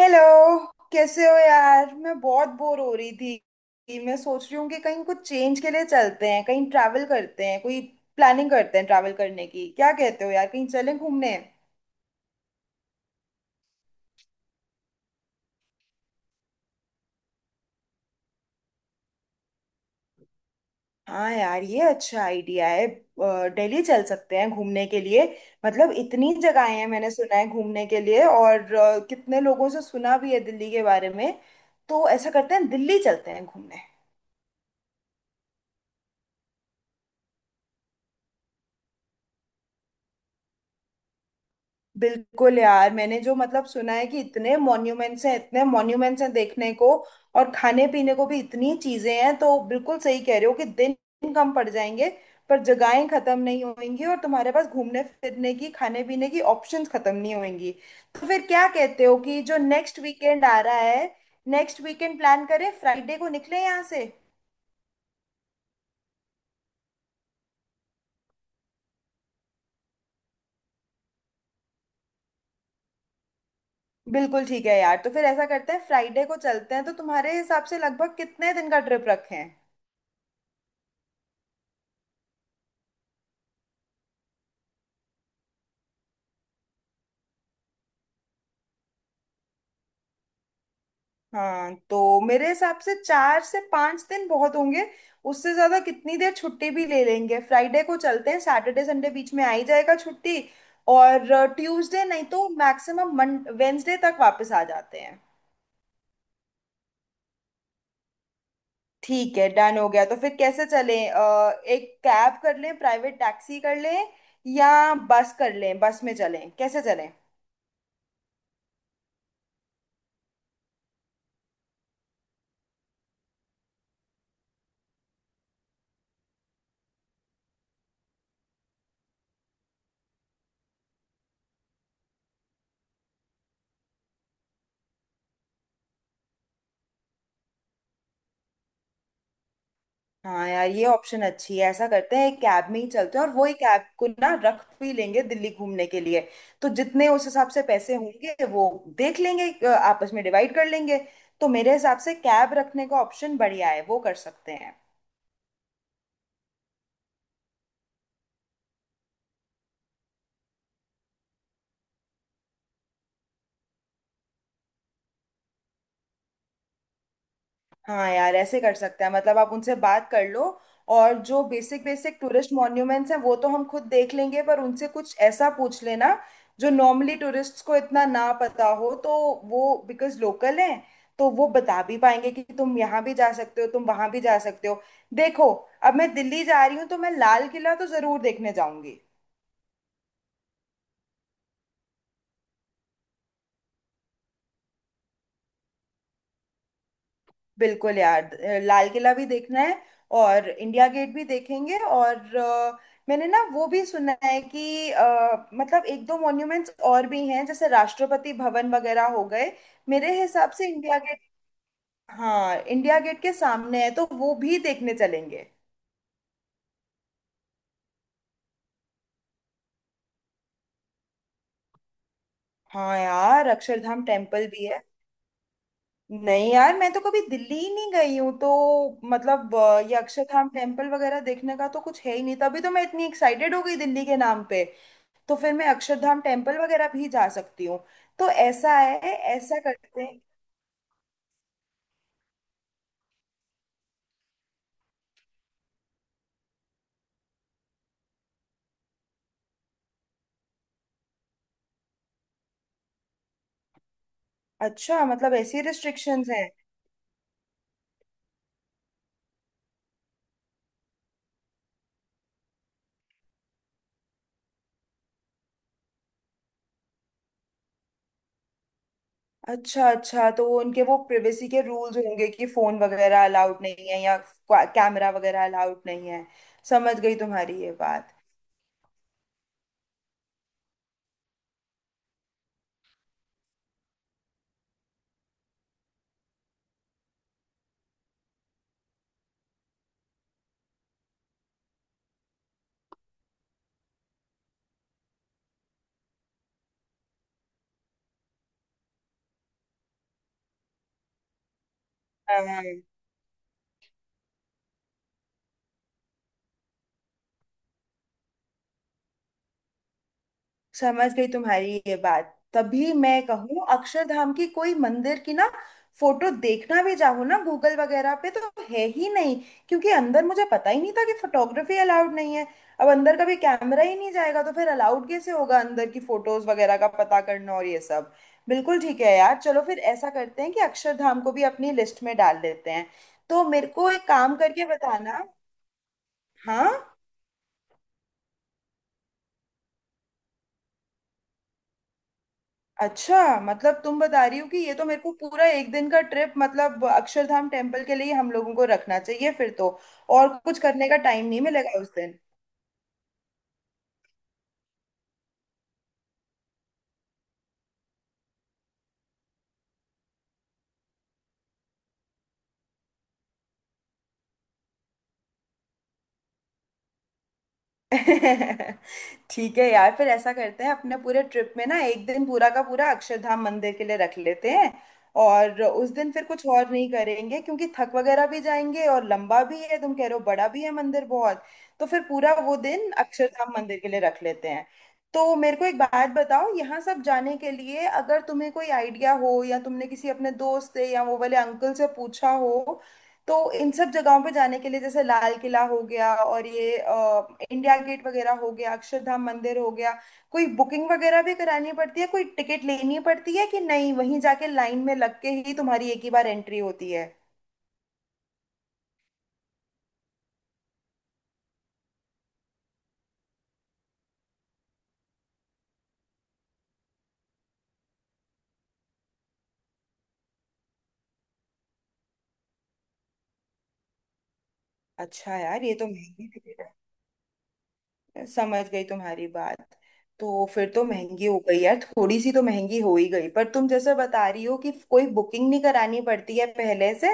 Hello. कैसे हो यार? मैं बहुत बोर हो रही थी। मैं सोच रही हूँ कि कहीं कुछ चेंज के लिए चलते हैं, कहीं ट्रैवल करते हैं, कोई प्लानिंग करते हैं ट्रैवल करने की। क्या कहते हो यार, कहीं चलें घूमने? हाँ यार, ये अच्छा आइडिया है। दिल्ली चल सकते हैं घूमने के लिए। मतलब इतनी जगहें हैं मैंने सुना है घूमने के लिए, और कितने लोगों से सुना भी है दिल्ली के बारे में। तो ऐसा करते हैं, दिल्ली चलते हैं घूमने। बिल्कुल यार, मैंने जो मतलब सुना है कि इतने मॉन्यूमेंट्स हैं, इतने मॉन्यूमेंट्स हैं देखने को, और खाने पीने को भी इतनी चीजें हैं। तो बिल्कुल सही कह रहे हो कि दिन कम पड़ जाएंगे पर जगहें खत्म नहीं होंगी, और तुम्हारे पास घूमने फिरने की, खाने पीने की ऑप्शंस खत्म नहीं होंगी। तो फिर क्या कहते हो कि जो नेक्स्ट वीकेंड आ रहा है, नेक्स्ट वीकेंड प्लान करें, फ्राइडे को निकले यहाँ से। बिल्कुल ठीक है यार, तो फिर ऐसा करते हैं फ्राइडे को चलते हैं। तो तुम्हारे हिसाब से लगभग कितने दिन का ट्रिप रखें? हाँ, तो मेरे हिसाब से 4 से 5 दिन बहुत होंगे। उससे ज्यादा कितनी देर छुट्टी भी ले लेंगे। फ्राइडे को चलते हैं, सैटरडे संडे बीच में आ ही जाएगा छुट्टी, और ट्यूसडे नहीं तो मैक्सिमम मंड वेंसडे तक वापस आ जाते हैं। ठीक है, डन हो गया। तो फिर कैसे चलें? एक कैब कर लें, प्राइवेट टैक्सी कर लें, या बस कर लें, बस में चलें, कैसे चलें? हाँ यार, ये ऑप्शन अच्छी है। ऐसा करते हैं एक कैब में ही चलते हैं, और वो ही कैब को ना रख भी लेंगे दिल्ली घूमने के लिए। तो जितने उस हिसाब से पैसे होंगे, वो देख लेंगे, आपस में डिवाइड कर लेंगे। तो मेरे हिसाब से कैब रखने का ऑप्शन बढ़िया है, वो कर सकते हैं। हाँ यार, ऐसे कर सकते हैं। मतलब आप उनसे बात कर लो, और जो बेसिक बेसिक टूरिस्ट मॉन्यूमेंट्स हैं वो तो हम खुद देख लेंगे, पर उनसे कुछ ऐसा पूछ लेना जो नॉर्मली टूरिस्ट्स को इतना ना पता हो। तो वो बिकॉज लोकल हैं, तो वो बता भी पाएंगे कि तुम यहाँ भी जा सकते हो, तुम वहाँ भी जा सकते हो। देखो, अब मैं दिल्ली जा रही हूँ तो मैं लाल किला तो ज़रूर देखने जाऊंगी। बिल्कुल यार, लाल किला भी देखना है, और इंडिया गेट भी देखेंगे, और मैंने ना वो भी सुना है कि मतलब एक दो मॉन्यूमेंट्स और भी हैं जैसे राष्ट्रपति भवन वगैरह हो गए। मेरे हिसाब से इंडिया गेट, हाँ, इंडिया गेट के सामने है तो वो भी देखने चलेंगे। हाँ यार, अक्षरधाम टेम्पल भी है। नहीं यार, मैं तो कभी दिल्ली ही नहीं गई हूँ तो मतलब ये अक्षरधाम टेम्पल वगैरह देखने का तो कुछ है ही नहीं, तभी तो मैं इतनी एक्साइटेड हो गई दिल्ली के नाम पे। तो फिर मैं अक्षरधाम टेम्पल वगैरह भी जा सकती हूँ। तो ऐसा है, ऐसा करते हैं। अच्छा, मतलब ऐसी रिस्ट्रिक्शंस हैं। अच्छा अच्छा, तो उनके वो प्रिवेसी के रूल्स होंगे कि फोन वगैरह अलाउड नहीं है, या कैमरा वगैरह अलाउड नहीं है। समझ गई तुम्हारी ये बात समझ गई तुम्हारी ये बात, तभी मैं कहूँ अक्षरधाम की कोई मंदिर की ना फोटो देखना भी चाहूँ ना गूगल वगैरह पे, तो है ही नहीं। क्योंकि अंदर मुझे पता ही नहीं था कि फोटोग्राफी अलाउड नहीं है। अब अंदर कभी कैमरा ही नहीं जाएगा तो फिर अलाउड कैसे होगा, अंदर की फोटोज वगैरह का पता करना और ये सब। बिल्कुल ठीक है यार, चलो फिर ऐसा करते हैं कि अक्षरधाम को भी अपनी लिस्ट में डाल देते हैं। तो मेरे को एक काम करके बताना। हाँ, अच्छा, मतलब तुम बता रही हो कि ये तो मेरे को पूरा एक दिन का ट्रिप मतलब अक्षरधाम टेम्पल के लिए ही हम लोगों को रखना चाहिए फिर तो, और कुछ करने का टाइम नहीं मिलेगा उस दिन। ठीक है यार, फिर ऐसा करते हैं अपने पूरे ट्रिप में ना, एक दिन पूरा का पूरा अक्षरधाम मंदिर के लिए रख लेते हैं, और उस दिन फिर कुछ और नहीं करेंगे क्योंकि थक वगैरह भी जाएंगे, और लंबा भी है, तुम कह रहे हो बड़ा भी है मंदिर बहुत। तो फिर पूरा वो दिन अक्षरधाम मंदिर के लिए रख लेते हैं। तो मेरे को एक बात बताओ, यहाँ सब जाने के लिए अगर तुम्हें कोई आइडिया हो या तुमने किसी अपने दोस्त से या वो वाले अंकल से पूछा हो, तो इन सब जगहों पे जाने के लिए, जैसे लाल किला हो गया और ये इंडिया गेट वगैरह हो गया, अक्षरधाम मंदिर हो गया, कोई बुकिंग वगैरह भी करानी पड़ती है, कोई टिकट लेनी पड़ती है कि नहीं, वहीं जाके लाइन में लग के ही तुम्हारी एक ही बार एंट्री होती है? अच्छा यार, ये तो महंगी। समझ गई तुम्हारी बात। तो फिर तो महंगी हो गई यार, थोड़ी सी तो महंगी हो ही गई, पर तुम जैसे बता रही हो कि कोई बुकिंग नहीं करानी पड़ती है पहले से।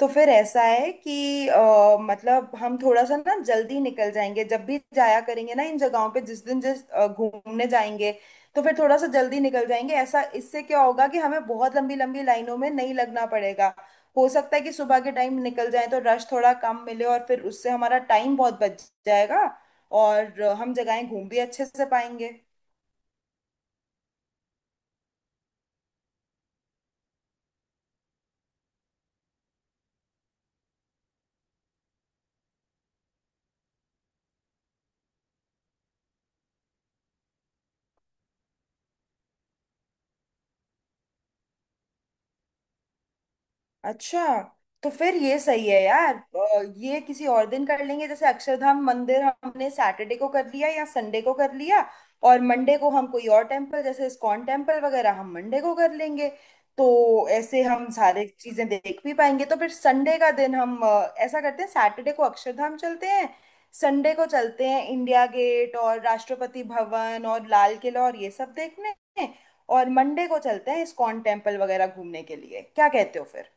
तो फिर ऐसा है कि मतलब हम थोड़ा सा ना जल्दी निकल जाएंगे जब भी जाया करेंगे ना इन जगहों पे, जिस दिन जिस घूमने जाएंगे, तो फिर थोड़ा सा जल्दी निकल जाएंगे ऐसा। इससे क्या होगा कि हमें बहुत लंबी लंबी लाइनों में नहीं लगना पड़ेगा। हो सकता है कि सुबह के टाइम निकल जाए तो रश थोड़ा कम मिले, और फिर उससे हमारा टाइम बहुत बच जाएगा, और हम जगहें घूम भी अच्छे से पाएंगे। अच्छा, तो फिर ये सही है यार, ये किसी और दिन कर लेंगे, जैसे अक्षरधाम मंदिर हमने सैटरडे को कर लिया या संडे को कर लिया, और मंडे को हम कोई और टेम्पल जैसे इस्कॉन टेम्पल वगैरह हम मंडे को कर लेंगे। तो ऐसे हम सारे चीजें देख भी पाएंगे। तो फिर संडे का दिन हम ऐसा करते हैं, सैटरडे को अक्षरधाम चलते हैं, संडे को चलते हैं इंडिया गेट और राष्ट्रपति भवन और लाल किला और ये सब देखने, और मंडे को चलते हैं इस्कॉन टेम्पल वगैरह घूमने के लिए। क्या कहते हो फिर?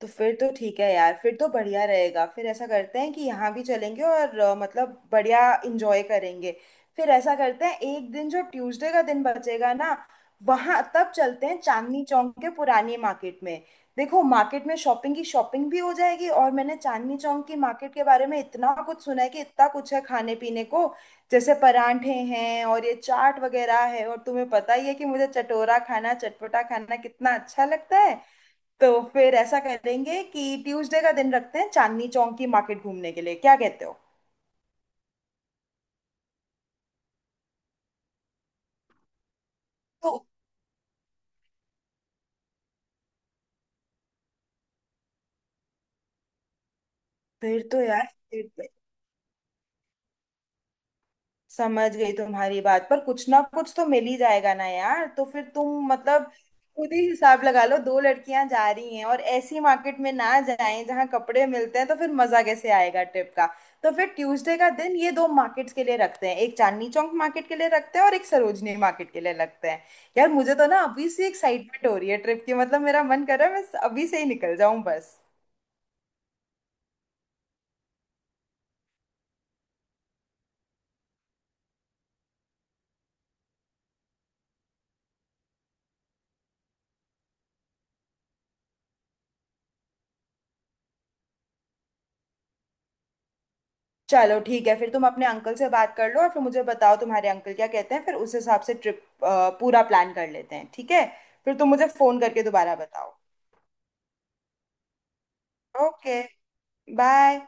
तो फिर तो ठीक है यार, फिर तो बढ़िया रहेगा। फिर ऐसा करते हैं कि यहाँ भी चलेंगे और मतलब बढ़िया इंजॉय करेंगे। फिर ऐसा करते हैं, एक दिन जो ट्यूसडे का दिन बचेगा ना, वहाँ तब चलते हैं, चांदनी चौक के पुरानी मार्केट में। देखो, मार्केट में शॉपिंग की, शॉपिंग भी हो जाएगी, और मैंने चांदनी चौक की मार्केट के बारे में इतना कुछ सुना है कि इतना कुछ है खाने पीने को, जैसे परांठे हैं और ये चाट वगैरह है। और तुम्हें पता ही है कि मुझे चटोरा खाना, चटपटा खाना कितना अच्छा लगता है। तो फिर ऐसा करेंगे कि ट्यूसडे का दिन रखते हैं चांदनी चौक की मार्केट घूमने के लिए, क्या कहते हो? तो फिर तो यार, समझ गई तुम्हारी बात, पर कुछ ना कुछ तो मिल ही जाएगा ना यार। तो फिर तुम मतलब खुद ही हिसाब लगा लो, दो लड़कियां जा रही हैं और ऐसी मार्केट में ना जाएं जहां कपड़े मिलते हैं, तो फिर मजा कैसे आएगा ट्रिप का? तो फिर ट्यूसडे का दिन ये दो मार्केट्स के लिए रखते हैं, एक चांदनी चौक मार्केट के लिए रखते हैं और एक सरोजनी मार्केट के लिए रखते हैं। यार मुझे तो ना अभी से एक्साइटमेंट हो रही है ट्रिप की, मतलब मेरा मन कर रहा है मैं अभी से ही निकल जाऊं बस। चलो ठीक है, फिर तुम अपने अंकल से बात कर लो और फिर मुझे बताओ तुम्हारे अंकल क्या कहते हैं, फिर उस हिसाब से ट्रिप पूरा प्लान कर लेते हैं, ठीक है? फिर तुम मुझे फोन करके दोबारा बताओ। Okay, bye.